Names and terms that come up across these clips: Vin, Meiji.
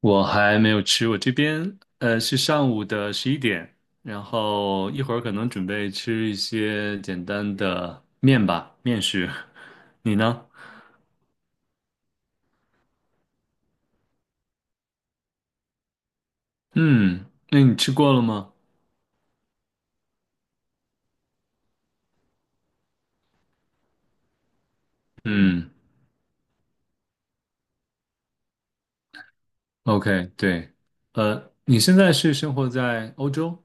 我还没有吃，我这边是上午的11点，然后一会儿可能准备吃一些简单的面吧，面食。你呢？嗯，那你吃过了吗？嗯，OK，对，你现在是生活在欧洲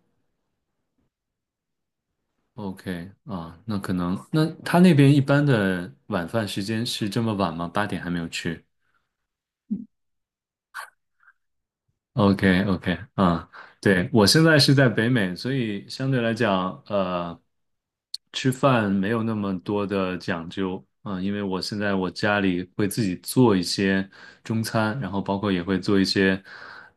？OK，啊，那可能，那他那边一般的晚饭时间是这么晚吗？8点还没有吃？OK OK 啊，对，我现在是在北美，所以相对来讲，吃饭没有那么多的讲究啊，因为我现在我家里会自己做一些中餐，然后包括也会做一些，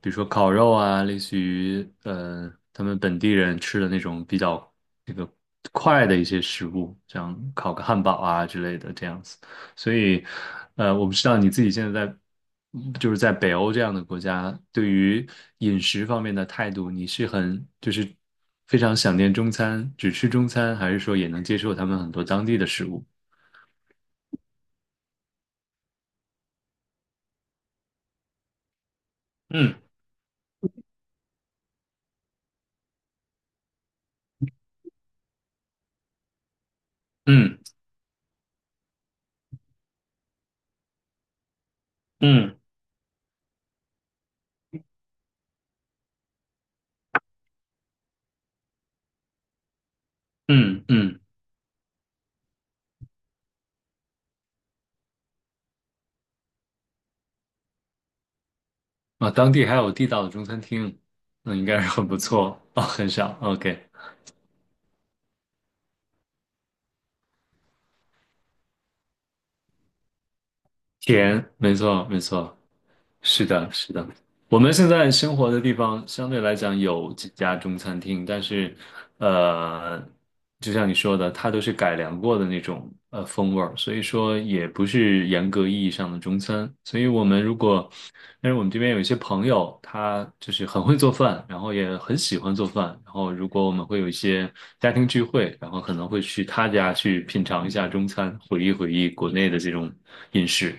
比如说烤肉啊，类似于他们本地人吃的那种比较这个快的一些食物，像烤个汉堡啊之类的这样子。所以，我不知道你自己现在在，就是在北欧这样的国家，对于饮食方面的态度，你是很就是非常想念中餐，只吃中餐，还是说也能接受他们很多当地的食物？嗯嗯嗯嗯嗯，啊，当地还有地道的中餐厅，那应该是很不错哦，很少。OK，甜，没错，没错，是的，是的。我们现在生活的地方相对来讲有几家中餐厅，但是，呃，就像你说的，它都是改良过的那种风味儿，所以说也不是严格意义上的中餐。所以我们如果，但是我们这边有一些朋友，他就是很会做饭，然后也很喜欢做饭，然后如果我们会有一些家庭聚会，然后可能会去他家去品尝一下中餐，回忆回忆国内的这种饮食。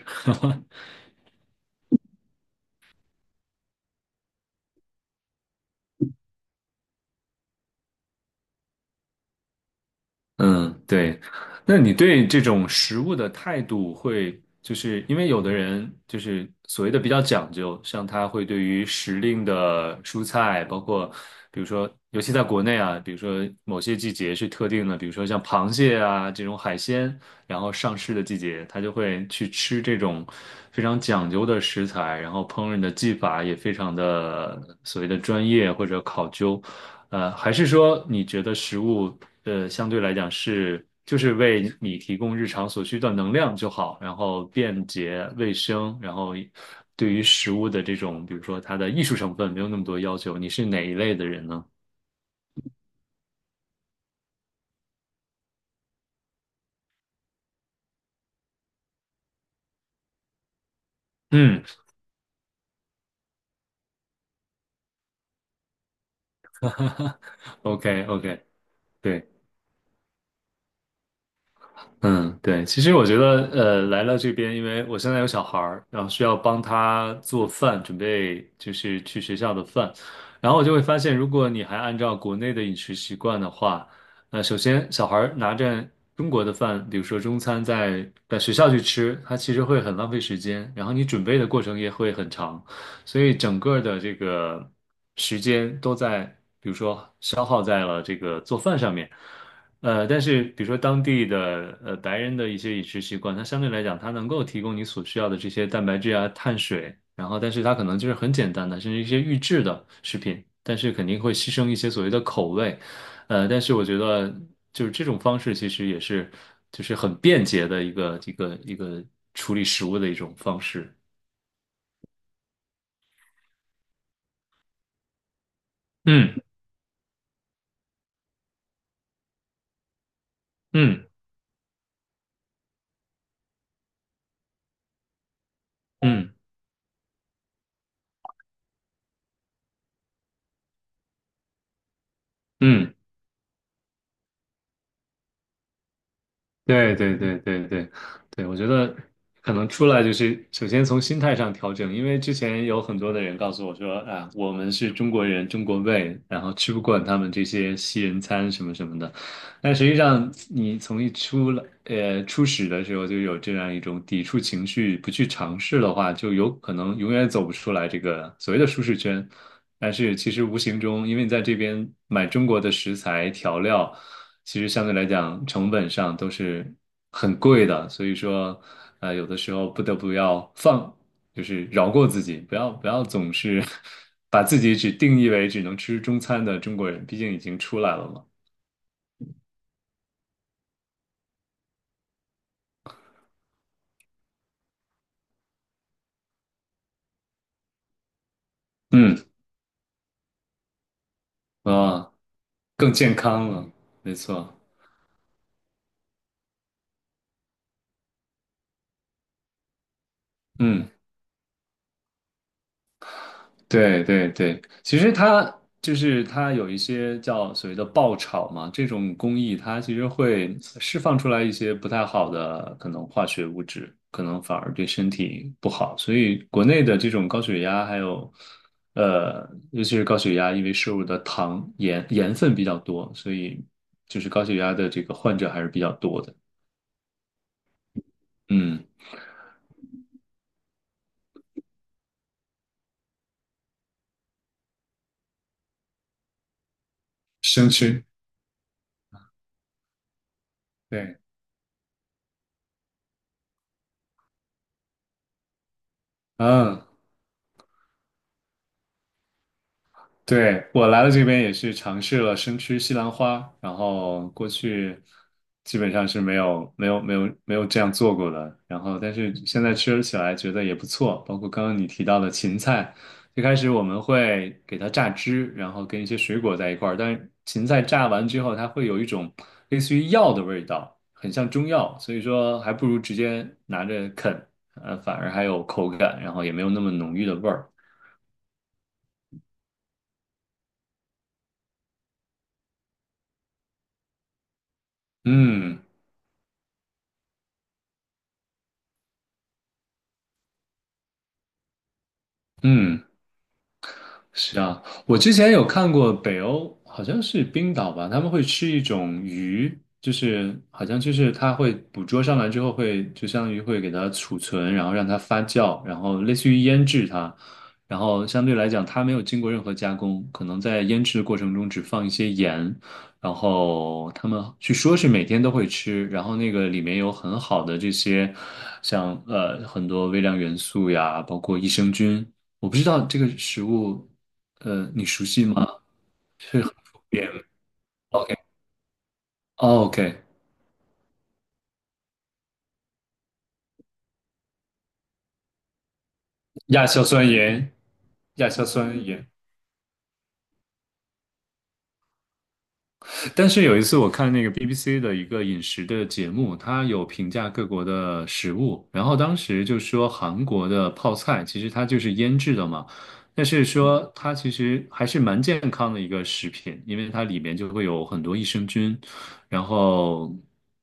嗯，对。那你对这种食物的态度会，就是因为有的人就是所谓的比较讲究，像他会对于时令的蔬菜，包括比如说，尤其在国内啊，比如说某些季节是特定的，比如说像螃蟹啊这种海鲜，然后上市的季节，他就会去吃这种非常讲究的食材，然后烹饪的技法也非常的所谓的专业或者考究。还是说你觉得食物？相对来讲是就是为你提供日常所需的能量就好，然后便捷卫生，然后对于食物的这种，比如说它的艺术成分没有那么多要求。你是哪一类的人呢？嗯，OK OK，对。嗯，对，其实我觉得，来了这边，因为我现在有小孩儿，然后需要帮他做饭，准备就是去学校的饭，然后我就会发现，如果你还按照国内的饮食习惯的话，首先小孩儿拿着中国的饭，比如说中餐在学校去吃，他其实会很浪费时间，然后你准备的过程也会很长，所以整个的这个时间都在，比如说消耗在了这个做饭上面。但是比如说当地的白人的一些饮食习惯，它相对来讲，它能够提供你所需要的这些蛋白质啊、碳水，然后但是它可能就是很简单的，甚至一些预制的食品，但是肯定会牺牲一些所谓的口味。但是我觉得就是这种方式其实也是就是很便捷的一个处理食物的一种方式。嗯嗯嗯嗯。对对对对对对，我觉得可能出来就是首先从心态上调整，因为之前有很多的人告诉我说啊，我们是中国人，中国胃，然后吃不惯他们这些西人餐什么什么的。但实际上，你从一出来，初始的时候就有这样一种抵触情绪，不去尝试的话，就有可能永远走不出来这个所谓的舒适圈。但是其实无形中，因为你在这边买中国的食材调料，其实相对来讲成本上都是很贵的，所以说，有的时候不得不要放，就是饶过自己，不要总是 把自己只定义为只能吃中餐的中国人，毕竟已经出来了嘛。嗯。啊、更健康了，没错，嗯，对对对，其实它就是它有一些叫所谓的爆炒嘛，这种工艺它其实会释放出来一些不太好的可能化学物质，可能反而对身体不好，所以国内的这种高血压还有尤其是高血压，因为摄入的糖盐盐分比较多，所以就是高血压的这个患者还是比较多的，嗯，生吃，对，嗯。对，我来了这边也是尝试了生吃西兰花，然后过去基本上是没有这样做过的，然后但是现在吃起来觉得也不错，包括刚刚你提到的芹菜，最开始我们会给它榨汁，然后跟一些水果在一块儿，但是芹菜榨完之后，它会有一种类似于药的味道，很像中药，所以说还不如直接拿着啃，反而还有口感，然后也没有那么浓郁的味儿，嗯嗯。是啊，我之前有看过北欧，好像是冰岛吧，他们会吃一种鱼，就是好像就是它会捕捉上来之后会，就相当于会给它储存，然后让它发酵，然后类似于腌制它，然后相对来讲它没有经过任何加工，可能在腌制的过程中只放一些盐，然后他们据说是每天都会吃，然后那个里面有很好的这些，像很多微量元素呀，包括益生菌。我不知道这个食物你熟悉吗？是很普遍。OK，OK，亚硝酸盐，亚硝酸盐。但是有一次我看那个 BBC 的一个饮食的节目，它有评价各国的食物，然后当时就说韩国的泡菜其实它就是腌制的嘛，但是说它其实还是蛮健康的一个食品，因为它里面就会有很多益生菌，然后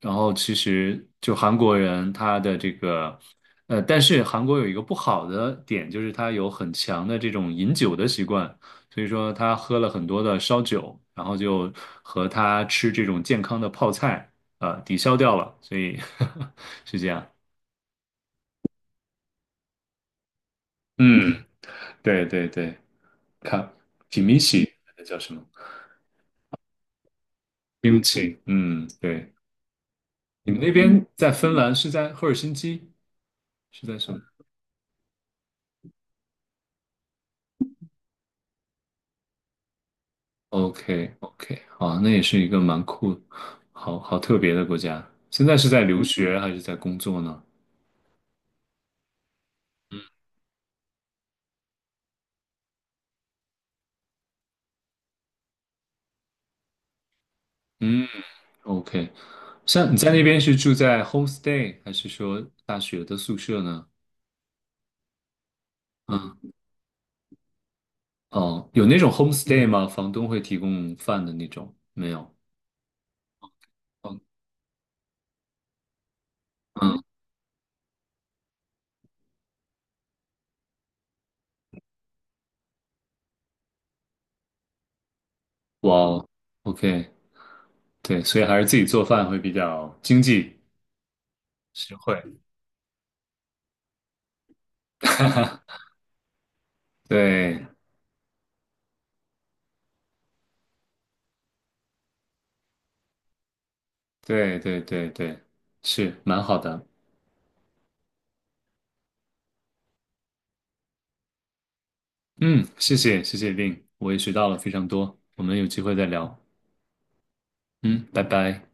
然后其实就韩国人他的这个。但是韩国有一个不好的点，就是它有很强的这种饮酒的习惯，所以说他喝了很多的烧酒，然后就和他吃这种健康的泡菜，抵消掉了，所以 是这样。嗯，对对对，看 kimchi 那叫什么？kimchi，嗯，对。你们那边在芬兰是在赫尔辛基，是在什么？OK OK，好，那也是一个蛮酷，好特别的国家。现在是在留学还是在工作呢？嗯。OK，像你在那边是住在 homestay 还是说大学的宿舍呢？嗯，哦，有那种 homestay 吗？房东会提供饭的那种？没有。嗯嗯，哇哦，OK，对，所以还是自己做饭会比较经济实惠。对，对，对，对，对，是蛮好的。嗯，谢谢，谢谢 Vin，我也学到了非常多。我们有机会再聊。嗯，拜拜。